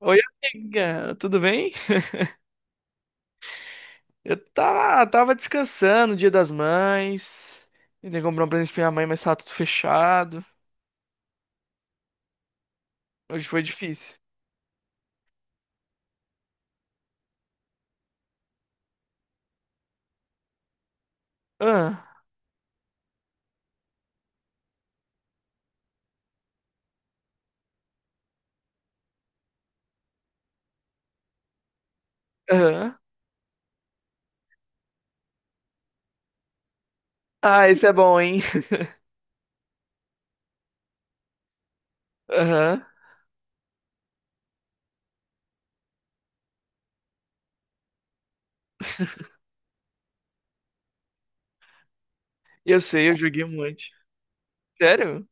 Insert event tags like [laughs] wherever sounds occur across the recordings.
Oi, amiga, tudo bem? [laughs] Eu tava descansando, Dia das Mães. Tentei comprar um presente pra minha mãe, mas tava tudo fechado. Hoje foi difícil. Ah, aham. Ah, esse é bom, hein? [laughs] Aham. Eu sei, eu joguei um monte. Sério?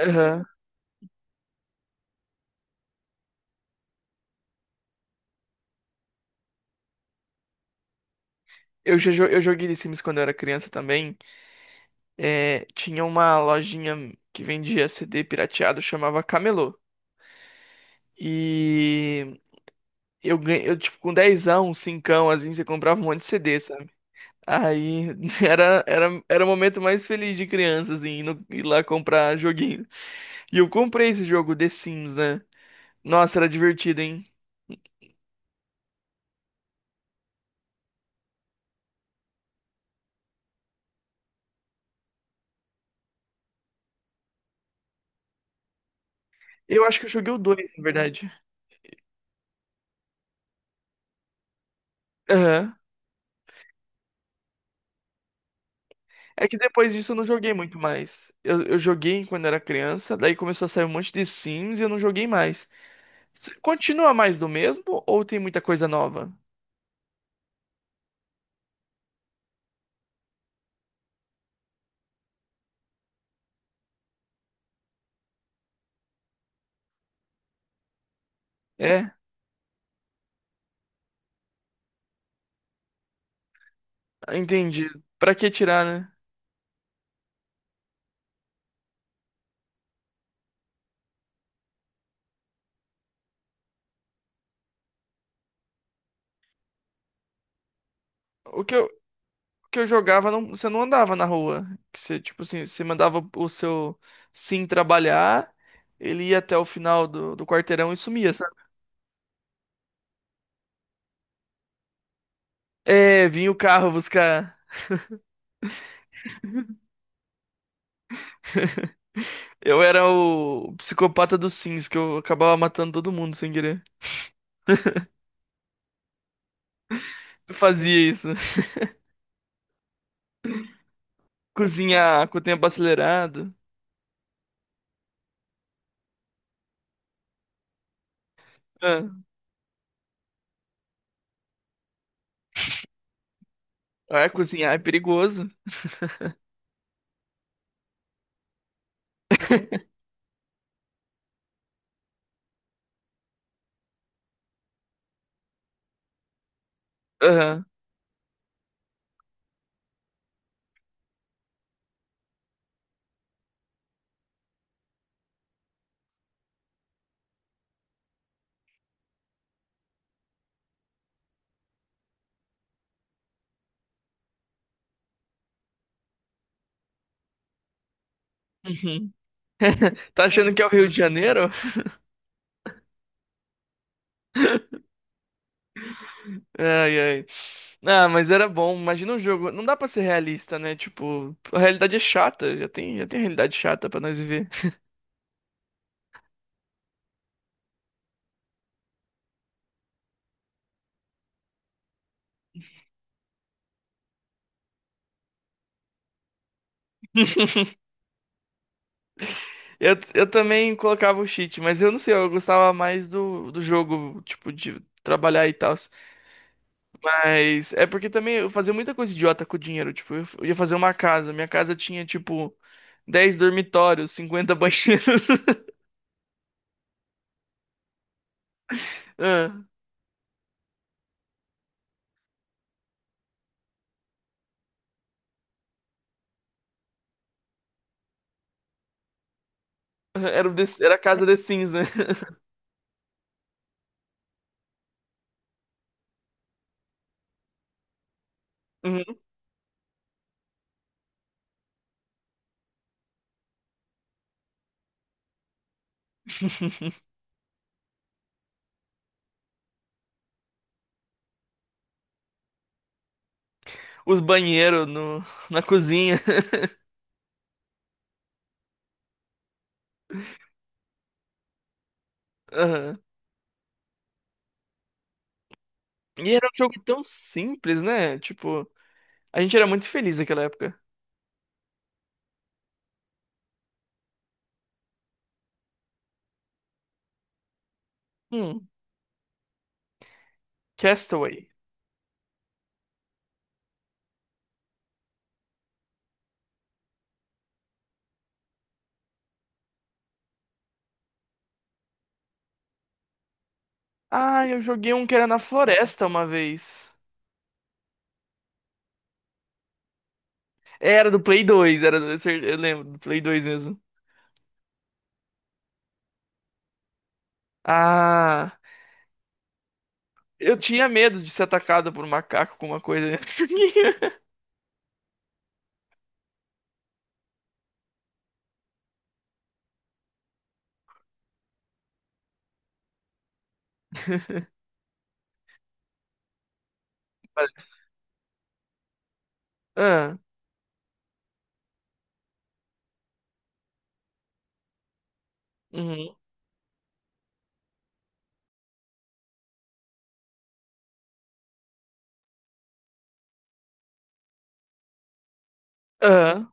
Aham. Eu joguei The Sims quando eu era criança também. É, tinha uma lojinha que vendia CD pirateado, chamava Camelô. E eu ganhei, eu, tipo, com dezão, anos, assim, você comprava um monte de CD. Aí [laughs] era o momento mais feliz de criança, assim, ir, no- ir lá comprar joguinho. E eu comprei esse jogo The Sims, né? Nossa, era divertido, hein? Eu acho que eu joguei o 2, na verdade. Aham. É que depois disso eu não joguei muito mais. Eu joguei quando era criança, daí começou a sair um monte de Sims e eu não joguei mais. Continua mais do mesmo ou tem muita coisa nova? É, entendi. Pra que tirar, né? O que eu- que eu jogava, não, você não andava na rua. Que você, tipo assim, você mandava o seu Sim trabalhar, ele ia até o final do quarteirão e sumia, sabe? É, vinha o carro buscar. [laughs] Eu era o psicopata dos Sims, porque eu acabava matando todo mundo sem querer. Eu fazia isso. [laughs] Cozinhar com o tempo acelerado. Ah, é, cozinhar é perigoso. Aham. Uhum. Tá achando que é o Rio de Janeiro? Ai, ai. Ah, mas era bom. Imagina um jogo. Não dá pra ser realista, né? Tipo, a realidade é chata. Já tem realidade chata pra nós viver. [laughs] Eu também colocava o cheat, mas eu não sei. Eu gostava mais do jogo, tipo, de trabalhar e tal. Mas é porque também eu fazia muita coisa idiota com o dinheiro. Tipo, eu ia fazer uma casa. Minha casa tinha, tipo, 10 dormitórios, 50 banheiros. [laughs] Ah, era a casa The Sims, né? [laughs] Uhum. [laughs] Os banheiros no, na cozinha. Aham. E era um jogo tão simples, né? Tipo, a gente era muito feliz naquela época. Hum, Castaway. Ah, eu joguei um que era na floresta uma vez. Era do Play 2, era do, eu lembro, do Play 2 mesmo. Ah, eu tinha medo de ser atacado por um macaco com uma coisa dentro de mim. [laughs] Ah, uhum, ah.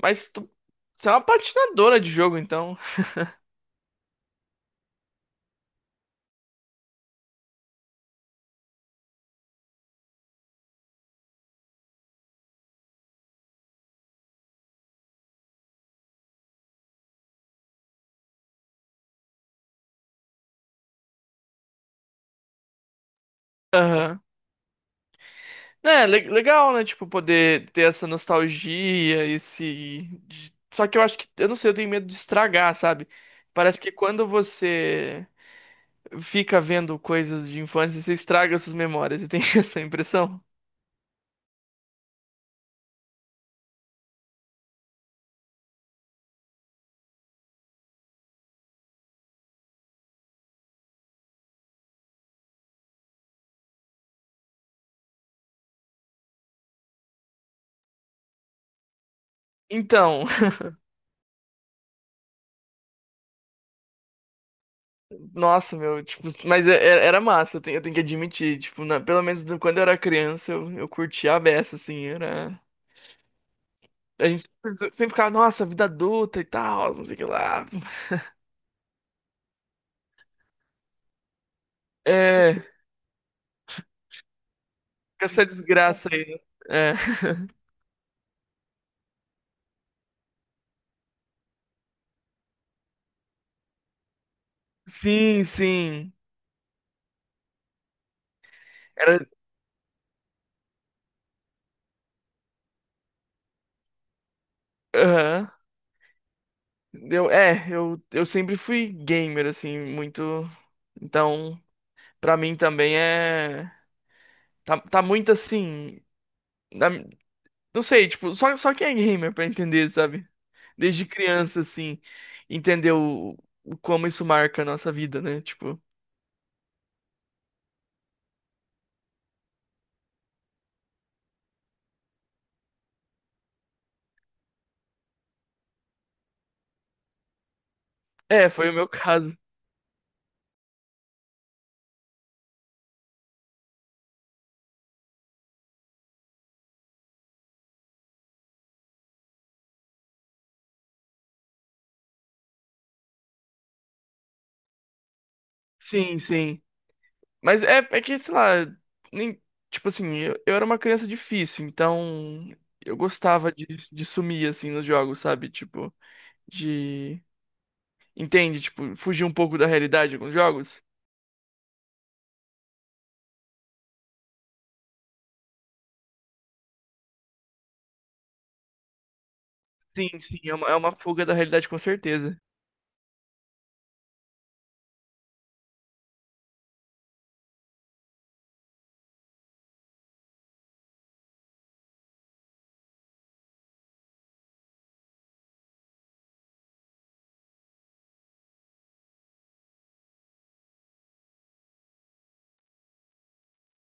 Mas você é uma patinadora de jogo, então. É, legal, né? Tipo, poder ter essa nostalgia, esse. Só que eu acho que, eu não sei, eu tenho medo de estragar, sabe? Parece que quando você fica vendo coisas de infância, você estraga suas memórias. Você tem [laughs] essa impressão? Então, [laughs] nossa, meu, tipo, mas era massa, eu tenho que admitir, tipo, pelo menos quando eu era criança, eu curtia a beça, assim, era. A gente sempre sempre ficava, nossa, vida adulta e tal, não sei o que lá. É, com essa desgraça aí, né? É. [laughs] Sim, sim. Era. Aham. Eu sempre fui gamer, assim, muito. Então, pra mim também é. Tá, tá muito assim. na- Não sei, tipo, só quem é gamer pra entender, sabe? Desde criança, assim, entender o como isso marca a nossa vida, né? Tipo. É, foi o meu [laughs] caso. Sim, sim. Mas é que, sei lá, nem, tipo assim, eu era uma criança difícil, então eu gostava de sumir, assim, nos jogos, sabe? Tipo, de. Entende? Tipo, fugir um pouco da realidade com os jogos? Sim, sim, é uma, fuga da realidade, com certeza.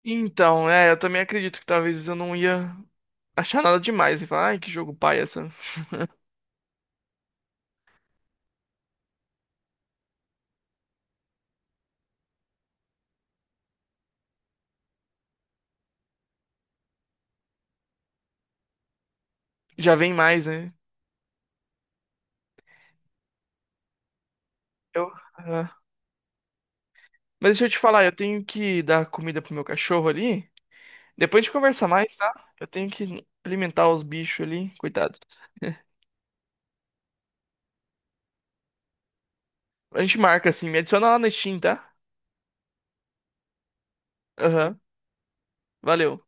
Então, é, eu também acredito que talvez eu não ia achar nada demais e falar, ai, que jogo pai essa. [laughs] Já vem mais, né? Eu. Ah. Mas deixa eu te falar, eu tenho que dar comida pro meu cachorro ali. Depois a gente conversa mais, tá? Eu tenho que alimentar os bichos ali, coitado. [laughs] A gente marca assim, me adiciona lá no Steam, tá? Aham, valeu.